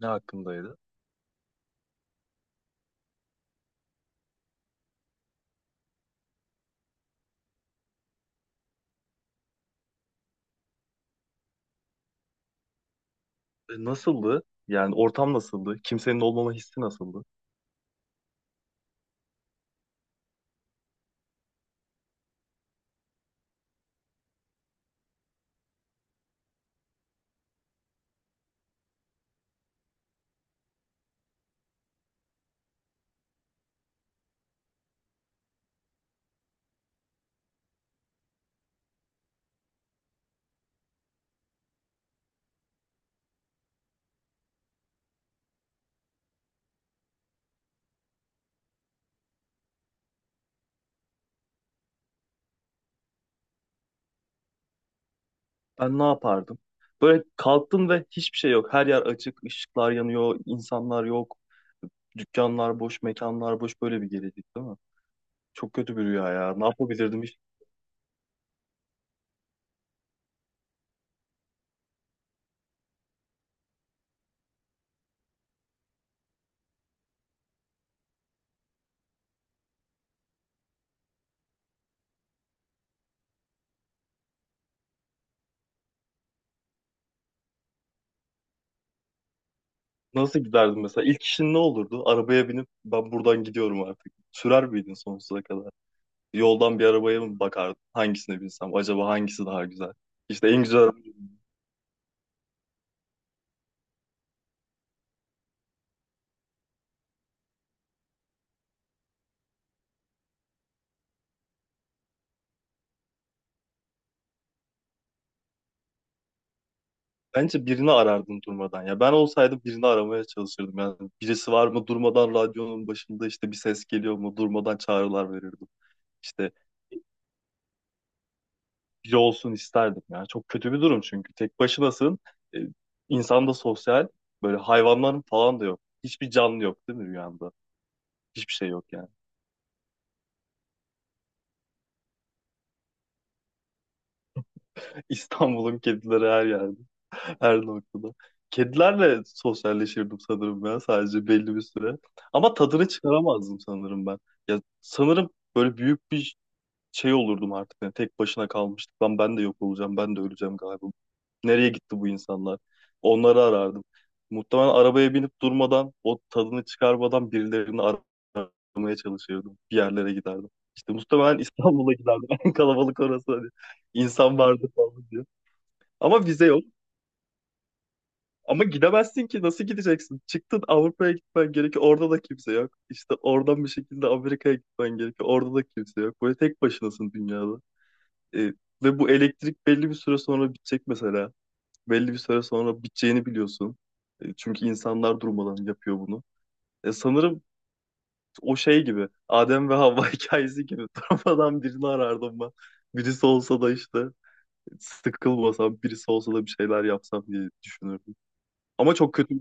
Ne hakkındaydı? E, nasıldı? Yani ortam nasıldı? Kimsenin olmama hissi nasıldı? Ben ne yapardım? Böyle kalktım ve hiçbir şey yok. Her yer açık, ışıklar yanıyor, insanlar yok. Dükkanlar boş, mekanlar boş. Böyle bir gelecek değil mi? Çok kötü bir rüya ya. Ne yapabilirdim? Hiç? Nasıl giderdim mesela? İlk işin ne olurdu? Arabaya binip ben buradan gidiyorum artık. Sürer miydin sonsuza kadar? Yoldan bir arabaya mı bakardın? Hangisine binsem? Acaba hangisi daha güzel? İşte en güzel. Bence birini arardın durmadan. Ya ben olsaydım birini aramaya çalışırdım. Yani birisi var mı durmadan radyonun başında işte bir ses geliyor mu durmadan çağrılar verirdim. İşte biri olsun isterdim. Yani çok kötü bir durum çünkü tek başınasın. E, insan da sosyal. Böyle hayvanların falan da yok. Hiçbir canlı yok değil mi rüyanda? Hiçbir şey yok yani. İstanbul'un kedileri her yerde. Her noktada. Kedilerle sosyalleşirdim sanırım ben sadece belli bir süre. Ama tadını çıkaramazdım sanırım ben. Ya sanırım böyle büyük bir şey olurdum artık. Yani tek başına kalmıştık. Lan ben de yok olacağım. Ben de öleceğim galiba. Nereye gitti bu insanlar? Onları arardım. Muhtemelen arabaya binip durmadan, o tadını çıkarmadan birilerini aramaya çalışırdım. Bir yerlere giderdim. İşte muhtemelen İstanbul'a giderdim. En kalabalık orası. Hani insan vardı falan diye. Ama vize yok. Ama gidemezsin ki. Nasıl gideceksin? Çıktın Avrupa'ya gitmen gerekiyor. Orada da kimse yok. İşte oradan bir şekilde Amerika'ya gitmen gerekiyor. Orada da kimse yok. Böyle tek başınasın dünyada. E, ve bu elektrik belli bir süre sonra bitecek mesela. Belli bir süre sonra biteceğini biliyorsun. E, çünkü insanlar durmadan yapıyor bunu. E, sanırım o şey gibi. Adem ve Havva hikayesi gibi. Durmadan birini arardım ben. Birisi olsa da işte sıkılmasam, birisi olsa da bir şeyler yapsam diye düşünürdüm. Ama çok kötü.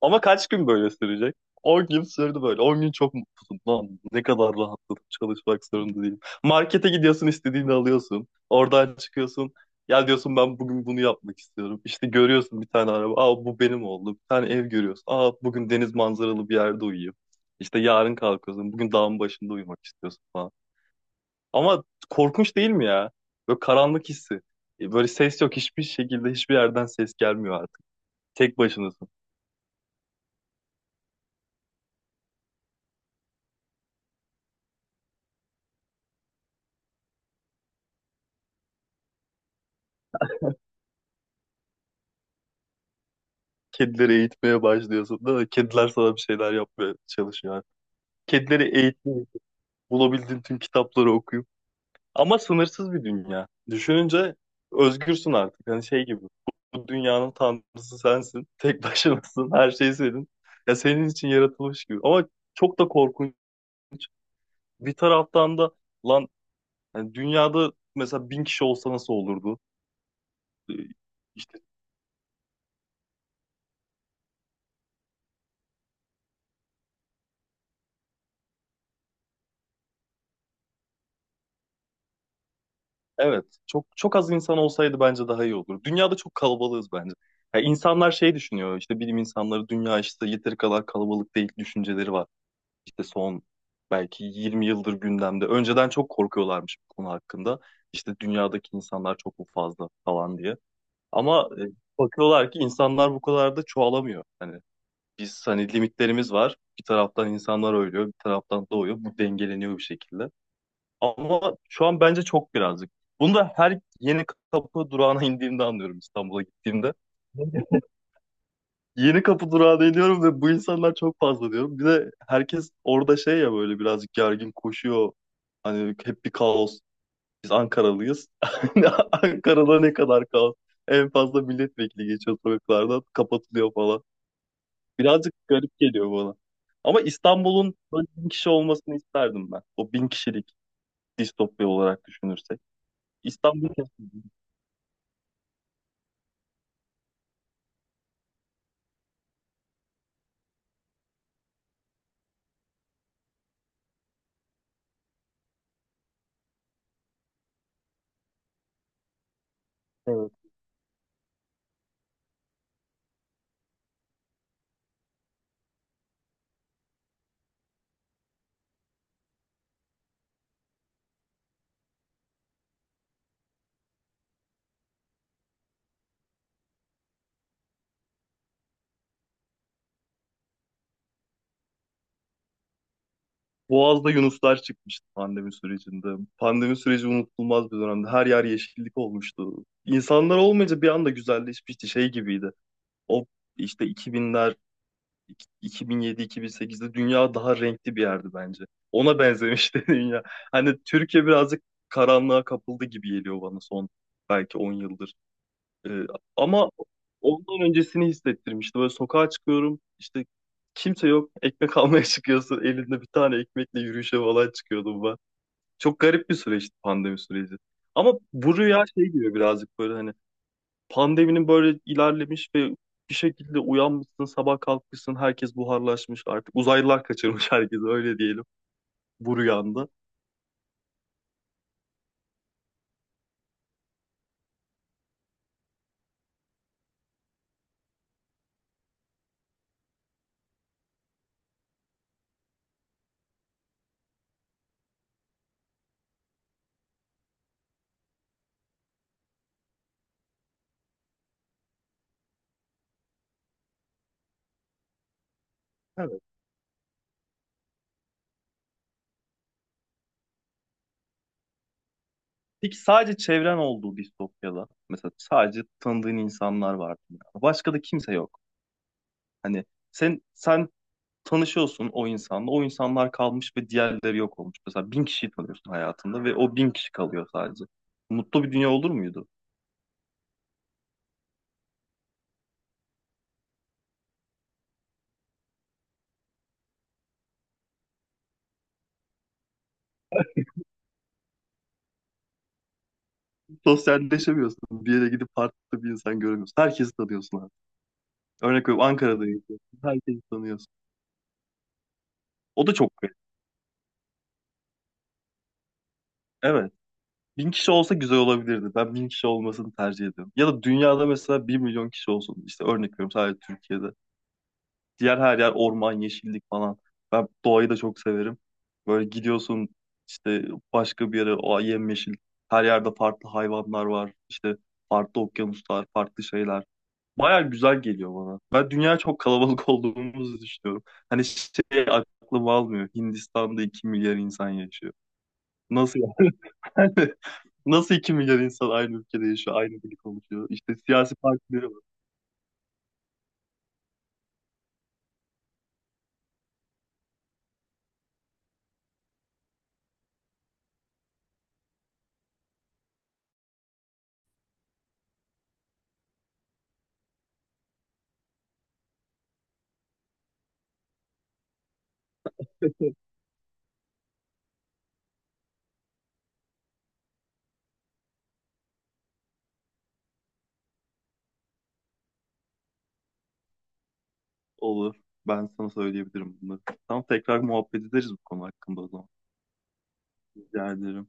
Ama kaç gün böyle sürecek? 10 gün sürdü böyle. 10 gün çok mutluyum. Lan ne kadar rahatladım. Çalışmak zorunda değilim. Markete gidiyorsun istediğini alıyorsun. Oradan çıkıyorsun. Ya diyorsun ben bugün bunu yapmak istiyorum. İşte görüyorsun bir tane araba. Aa bu benim oldu. Bir tane ev görüyorsun. Aa bugün deniz manzaralı bir yerde uyuyayım. İşte yarın kalkıyorsun. Bugün dağın başında uyumak istiyorsun falan. Ama korkunç değil mi ya? Böyle karanlık hissi. E, böyle ses yok. Hiçbir şekilde hiçbir yerden ses gelmiyor artık. Tek başınasın. Kedileri eğitmeye başlıyorsun değil mi? Kediler sana bir şeyler yapmaya çalışıyor. Yani. Kedileri eğitmeyi bulabildiğin tüm kitapları okuyup. Ama sınırsız bir dünya. Düşününce özgürsün artık. Hani şey gibi. Bu dünyanın tanrısı sensin. Tek başınasın. Her şey senin. Ya senin için yaratılmış gibi. Ama çok da korkunç. Bir taraftan da lan hani dünyada mesela 1000 kişi olsa nasıl olurdu? Ee, İşte Evet, çok çok az insan olsaydı bence daha iyi olur. Dünyada çok kalabalığız bence. Ya insanlar şey düşünüyor, işte bilim insanları dünya işte yeteri kadar kalabalık değil düşünceleri var. İşte son belki 20 yıldır gündemde. Önceden çok korkuyorlarmış bu konu hakkında. İşte dünyadaki insanlar çok mu fazla falan diye. Ama bakıyorlar ki insanlar bu kadar da çoğalamıyor. Hani biz hani limitlerimiz var. Bir taraftan insanlar ölüyor, bir taraftan doğuyor. Bu dengeleniyor bir şekilde. Ama şu an bence çok birazcık. Bunu da her yeni kapı durağına indiğimde anlıyorum İstanbul'a gittiğimde. Yeni kapı durağına iniyorum ve bu insanlar çok fazla diyorum. Bir de herkes orada şey ya böyle birazcık gergin koşuyor. Hani hep bir kaos. Biz Ankaralıyız. Ankara'da ne kadar kaos. En fazla milletvekili geçiyor sokaklardan. Kapatılıyor falan. Birazcık garip geliyor bana. Ama İstanbul'un böyle 1000 kişi olmasını isterdim ben. O 1000 kişilik distopya olarak düşünürsek. İstanbul kesin. Evet. Boğaz'da yunuslar çıkmıştı pandemi sürecinde. Pandemi süreci unutulmaz bir dönemdi. Her yer yeşillik olmuştu. İnsanlar olmayınca bir anda güzelleşmişti. Şey gibiydi. O işte 2000'ler, 2007-2008'de dünya daha renkli bir yerdi bence. Ona benzemişti dünya. Hani Türkiye birazcık karanlığa kapıldı gibi geliyor bana son belki 10 yıldır. Ee, ama ondan öncesini hissettirmişti. Böyle sokağa çıkıyorum işte kimse yok ekmek almaya çıkıyorsun elinde bir tane ekmekle yürüyüşe falan çıkıyordum ben. Çok garip bir süreçti pandemi süreci. Ama bu rüya şey diyor birazcık böyle hani pandeminin böyle ilerlemiş ve bir şekilde uyanmışsın sabah kalkmışsın herkes buharlaşmış artık uzaylılar kaçırmış herkesi öyle diyelim bu rüyanda. Evet. Peki sadece çevren olduğu distopyada mesela sadece tanıdığın insanlar vardı. Başka da kimse yok. Hani sen tanışıyorsun o insanla. O insanlar kalmış ve diğerleri yok olmuş. Mesela 1000 kişiyi tanıyorsun hayatında ve o 1000 kişi kalıyor sadece. Mutlu bir dünya olur muydu? Sosyalleşemiyorsun. Bir yere gidip farklı bir insan göremiyorsun. Herkesi tanıyorsun abi. Örnek veriyorum Ankara'da yaşıyorsun. Herkesi tanıyorsun. O da çok garip. Evet. Bin kişi olsa güzel olabilirdi. Ben 1000 kişi olmasını tercih ediyorum. Ya da dünyada mesela 1.000.000 kişi olsun. İşte örnek veriyorum sadece Türkiye'de. Diğer her yer orman, yeşillik falan. Ben doğayı da çok severim. Böyle gidiyorsun işte başka bir yere o yemyeşil. Her yerde farklı hayvanlar var. İşte farklı okyanuslar, farklı şeyler. Baya güzel geliyor bana. Ben dünya çok kalabalık olduğumuzu düşünüyorum. Hani şey aklım almıyor. Hindistan'da 2.000.000.000 insan yaşıyor. Nasıl yani? Nasıl 2.000.000.000 insan aynı ülkede yaşıyor, aynı dili konuşuyor? İşte siyasi partileri. Olur. Ben sana söyleyebilirim bunu. Tamam tekrar muhabbet ederiz bu konu hakkında o zaman. Rica ederim.